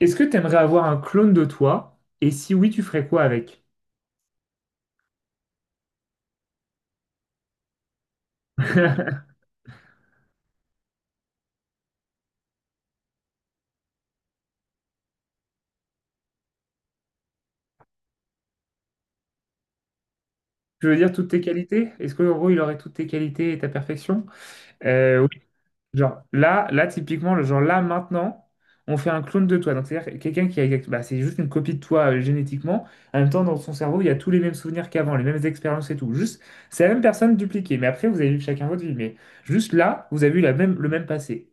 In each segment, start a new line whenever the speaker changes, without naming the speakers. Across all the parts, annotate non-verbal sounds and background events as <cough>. Est-ce que tu aimerais avoir un clone de toi? Et si oui, tu ferais quoi avec? <laughs> Je veux dire toutes tes qualités? Est-ce que en gros il aurait toutes tes qualités et ta perfection? Oui. Genre là typiquement, le genre là maintenant, on fait un clone de toi. Donc c'est-à-dire quelqu'un qui a bah, c'est juste une copie de toi génétiquement. En même temps, dans son cerveau, il y a tous les mêmes souvenirs qu'avant, les mêmes expériences et tout. Juste, c'est la même personne dupliquée. Mais après, vous avez vu chacun votre vie. Mais juste là, vous avez eu le même passé.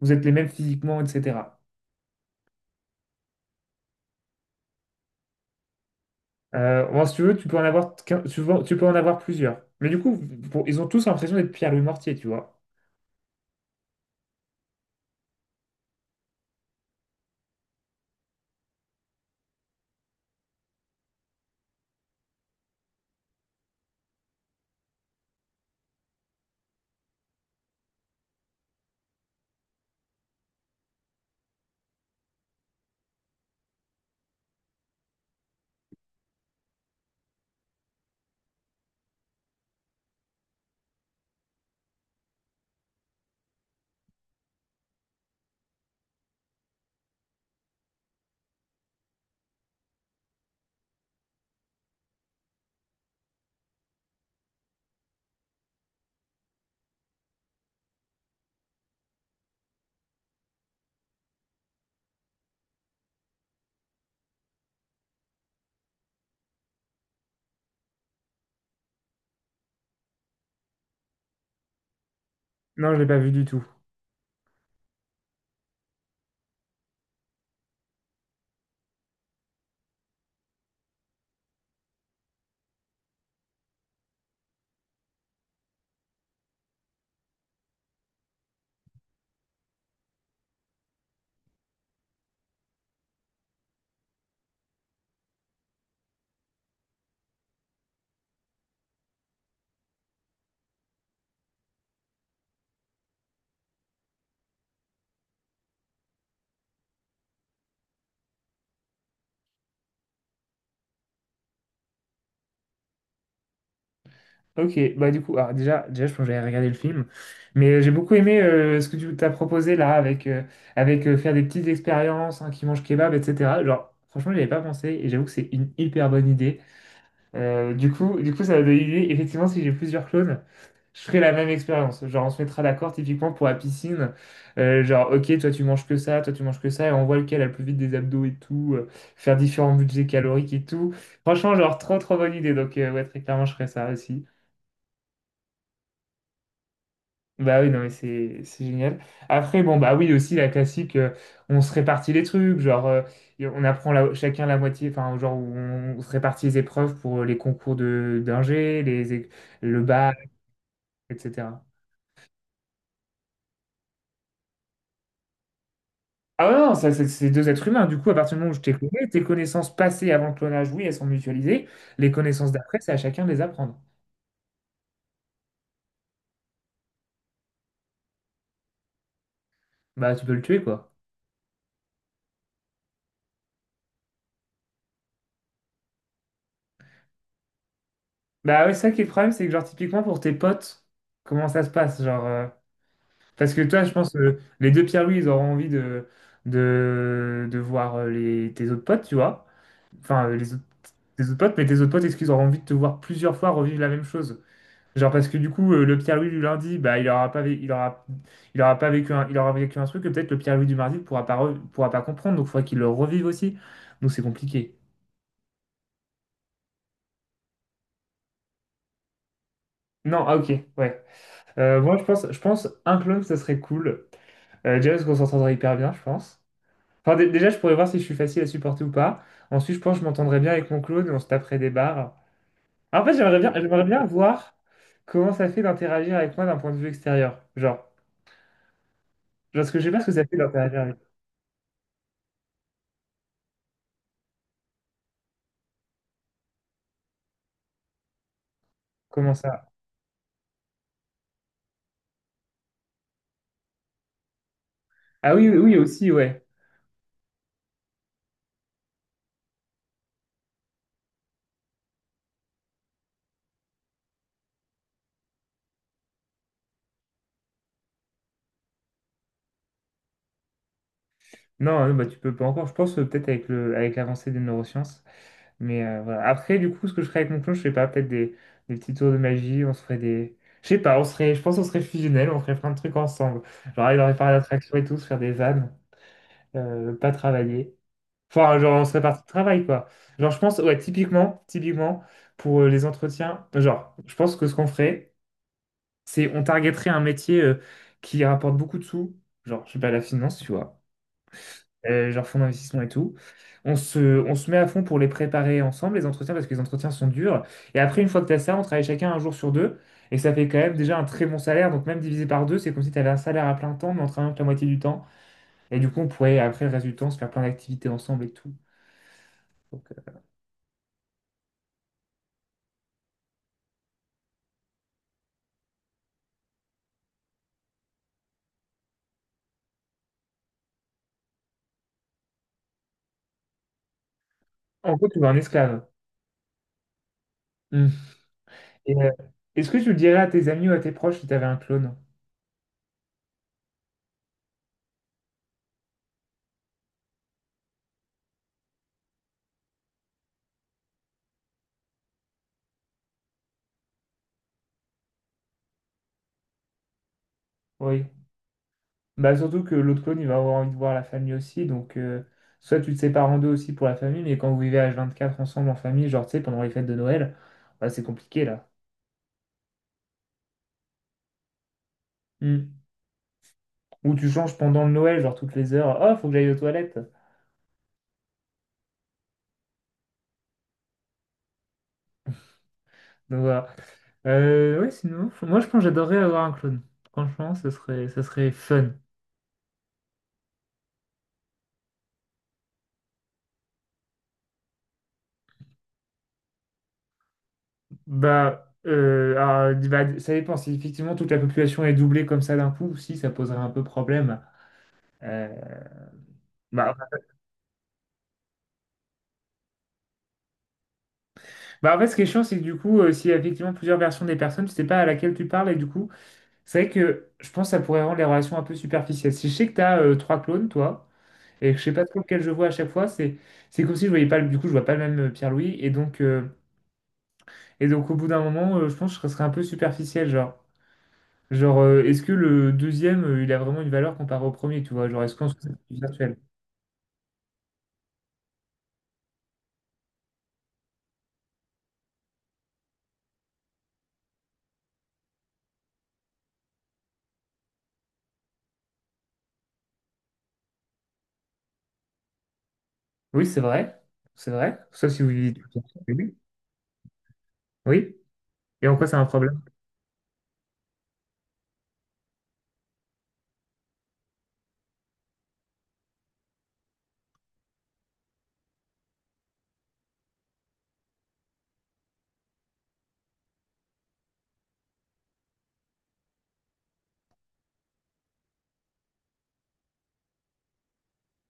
Vous êtes les mêmes physiquement, etc. Moi, si tu veux, tu peux en avoir, tu peux en avoir plusieurs. Mais du coup, ils ont tous l'impression d'être Pierre-Louis Mortier, tu vois. Non, je l'ai pas vu du tout. Ok, bah du coup, alors déjà, je pense que j'allais regarder le film, mais j'ai beaucoup aimé ce que tu t'as proposé là, avec faire des petites expériences, hein, qui mangent kebab, etc. Genre, franchement, j'y avais pas pensé, et j'avoue que c'est une hyper bonne idée. Du coup, ça m'a donné l'idée, effectivement, si j'ai plusieurs clones, je ferai la même expérience. Genre, on se mettra d'accord typiquement pour la piscine. Genre, ok, toi tu manges que ça, toi tu manges que ça, et on voit lequel a le plus vite des abdos et tout. Faire différents budgets caloriques et tout. Franchement, genre, trop trop bonne idée. Donc, ouais, très clairement, je ferai ça aussi. Bah oui, non, mais c'est génial. Après, bon, bah oui, aussi la classique, on se répartit les trucs. Et on apprend chacun la moitié, enfin, genre, on se répartit les épreuves pour les concours de d'ingé, le bac, etc. Ah ouais, non, ça, c'est deux êtres humains. Du coup, à partir du moment où je t'ai connu, tes connaissances passées avant le clonage, oui, elles sont mutualisées. Les connaissances d'après, c'est à chacun de les apprendre. Bah, tu peux le tuer, quoi. Bah ouais, ça qui est le problème, c'est que, genre, typiquement, pour tes potes, comment ça se passe? Parce que toi, je pense, les deux Pierre-Louis, ils auront envie de voir tes autres potes, tu vois. Enfin, les autres, tes autres potes, mais tes autres potes, est-ce qu'ils auront envie de te voir plusieurs fois revivre la même chose? Genre parce que du coup le Pierre-Louis du lundi bah il aura pas vécu il aura vécu un truc que peut-être le Pierre-Louis du mardi pourra pas comprendre donc il faudrait qu'il le revive aussi donc c'est compliqué. Non ah ok, ouais. Moi je pense un clone ça serait cool. Déjà parce qu'on s'entendrait hyper bien je pense. Enfin déjà je pourrais voir si je suis facile à supporter ou pas. Ensuite je pense que je m'entendrais bien avec mon clone et on se taperait des barres. En fait j'aimerais bien voir comment ça fait d'interagir avec moi d'un point de vue extérieur, genre parce que je sais pas ce que ça fait d'interagir avec comment ça. Ah oui, oui, oui, aussi, ouais. Non, bah, tu peux pas encore, je pense, peut-être avec avec l'avancée des neurosciences. Mais voilà. Après, du coup, ce que je ferais avec mon clone, je sais pas, peut-être des petits tours de magie, on se ferait des. Je sais pas, on serait, je pense qu'on serait fusionnels, on ferait plein de trucs ensemble. Genre, il aurait parlé d'attraction et tout, se faire des vannes, pas travailler. Enfin, genre, on serait parti de travail, quoi. Genre, je pense, ouais, typiquement, pour les entretiens, genre, je pense que ce qu'on ferait, c'est on targeterait un métier qui rapporte beaucoup de sous, genre, je sais pas, la finance, tu vois. Genre fonds d'investissement et tout. On se met à fond pour les préparer ensemble, les entretiens, parce que les entretiens sont durs. Et après, une fois que tu as ça, on travaille chacun un jour sur deux. Et ça fait quand même déjà un très bon salaire. Donc même divisé par deux, c'est comme si tu avais un salaire à plein temps, mais en travaillant que la moitié du temps. Et du coup, on pourrait, après le reste du temps, se faire plein d'activités ensemble et tout. Donc, en gros, tu vois un esclave. Mm. Et, est-ce que tu le dirais à tes amis ou à tes proches si tu avais un clone? Oui. Bah, surtout que l'autre clone, il va avoir envie de voir la famille aussi. Donc, soit tu te sépares en deux aussi pour la famille, mais quand vous vivez h quatre ensemble en famille, genre, tu sais, pendant les fêtes de Noël, bah, c'est compliqué là. Hmm. Ou tu changes pendant le Noël, genre toutes les heures. Oh, faut que j'aille aux toilettes. Donc, voilà. Ouais, sinon, moi, je pense que j'adorerais avoir un clone. Franchement, ça serait fun. Bah, alors, bah, ça dépend. Si effectivement toute la population est doublée comme ça d'un coup, si, ça poserait un peu problème. Euh, bah, Bah en fait, ce qui est chiant, c'est que du coup, s'il y a effectivement plusieurs versions des personnes, tu sais pas à laquelle tu parles, et du coup, c'est vrai que je pense que ça pourrait rendre les relations un peu superficielles. Si je sais que tu as trois clones, toi, et que je sais pas trop lequel je vois à chaque fois, c'est comme si je voyais pas, du coup, je vois pas le même Pierre-Louis, et donc au bout d'un moment, je pense que je serais un peu superficiel, genre. Genre, est-ce que le deuxième, il a vraiment une valeur comparée au premier, tu vois? Genre, est-ce qu'on se c'est virtuel? Oui, c'est vrai, sauf si vous vivez tout le temps. Oui, oui. Et en quoi c'est un problème?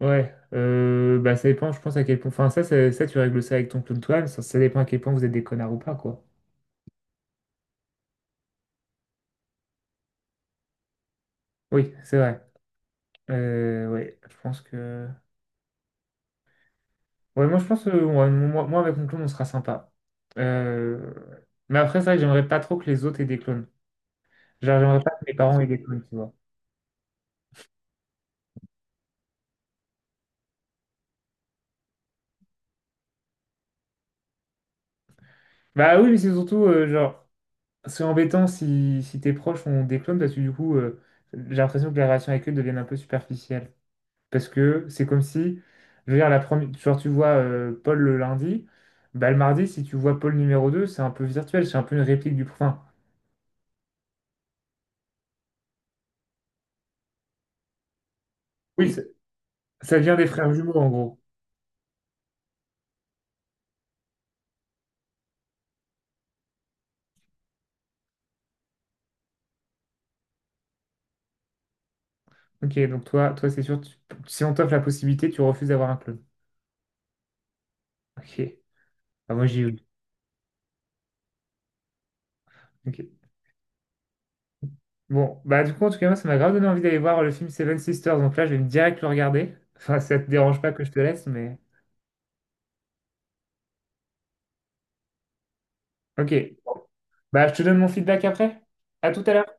Ouais, bah ça dépend, je pense à quel point. Enfin, ça, tu règles ça avec ton clown toi ça, ça dépend à quel point vous êtes des connards ou pas, quoi. Oui, c'est vrai. Ouais, je pense que. Ouais, moi, je pense que ouais, moi, avec mon clone, on sera sympa. Euh, Mais après, c'est vrai que j'aimerais pas trop que les autres aient des clones. Genre, j'aimerais pas que mes parents aient des clones, tu vois. Bah oui, mais c'est surtout, genre, c'est embêtant si, si tes proches ont des clones, parce que du coup, j'ai l'impression que les relations avec eux deviennent un peu superficielles. Parce que c'est comme si, je veux dire, la première, genre tu vois Paul le lundi, bah, le mardi, si tu vois Paul numéro 2, c'est un peu virtuel, c'est un peu une réplique du prochain. Oui. Ça vient des frères jumeaux, en gros. Ok, donc toi c'est sûr, si on t'offre la possibilité, tu refuses d'avoir un clone. Ok. Ah, moi, j'y ai eu. Ok. Bon, bah du coup, en tout cas, moi, ça m'a grave donné envie d'aller voir le film Seven Sisters, donc là, je vais direct le regarder. Enfin, ça te dérange pas que je te laisse, mais... Ok. Bah, je te donne mon feedback après. À tout à l'heure.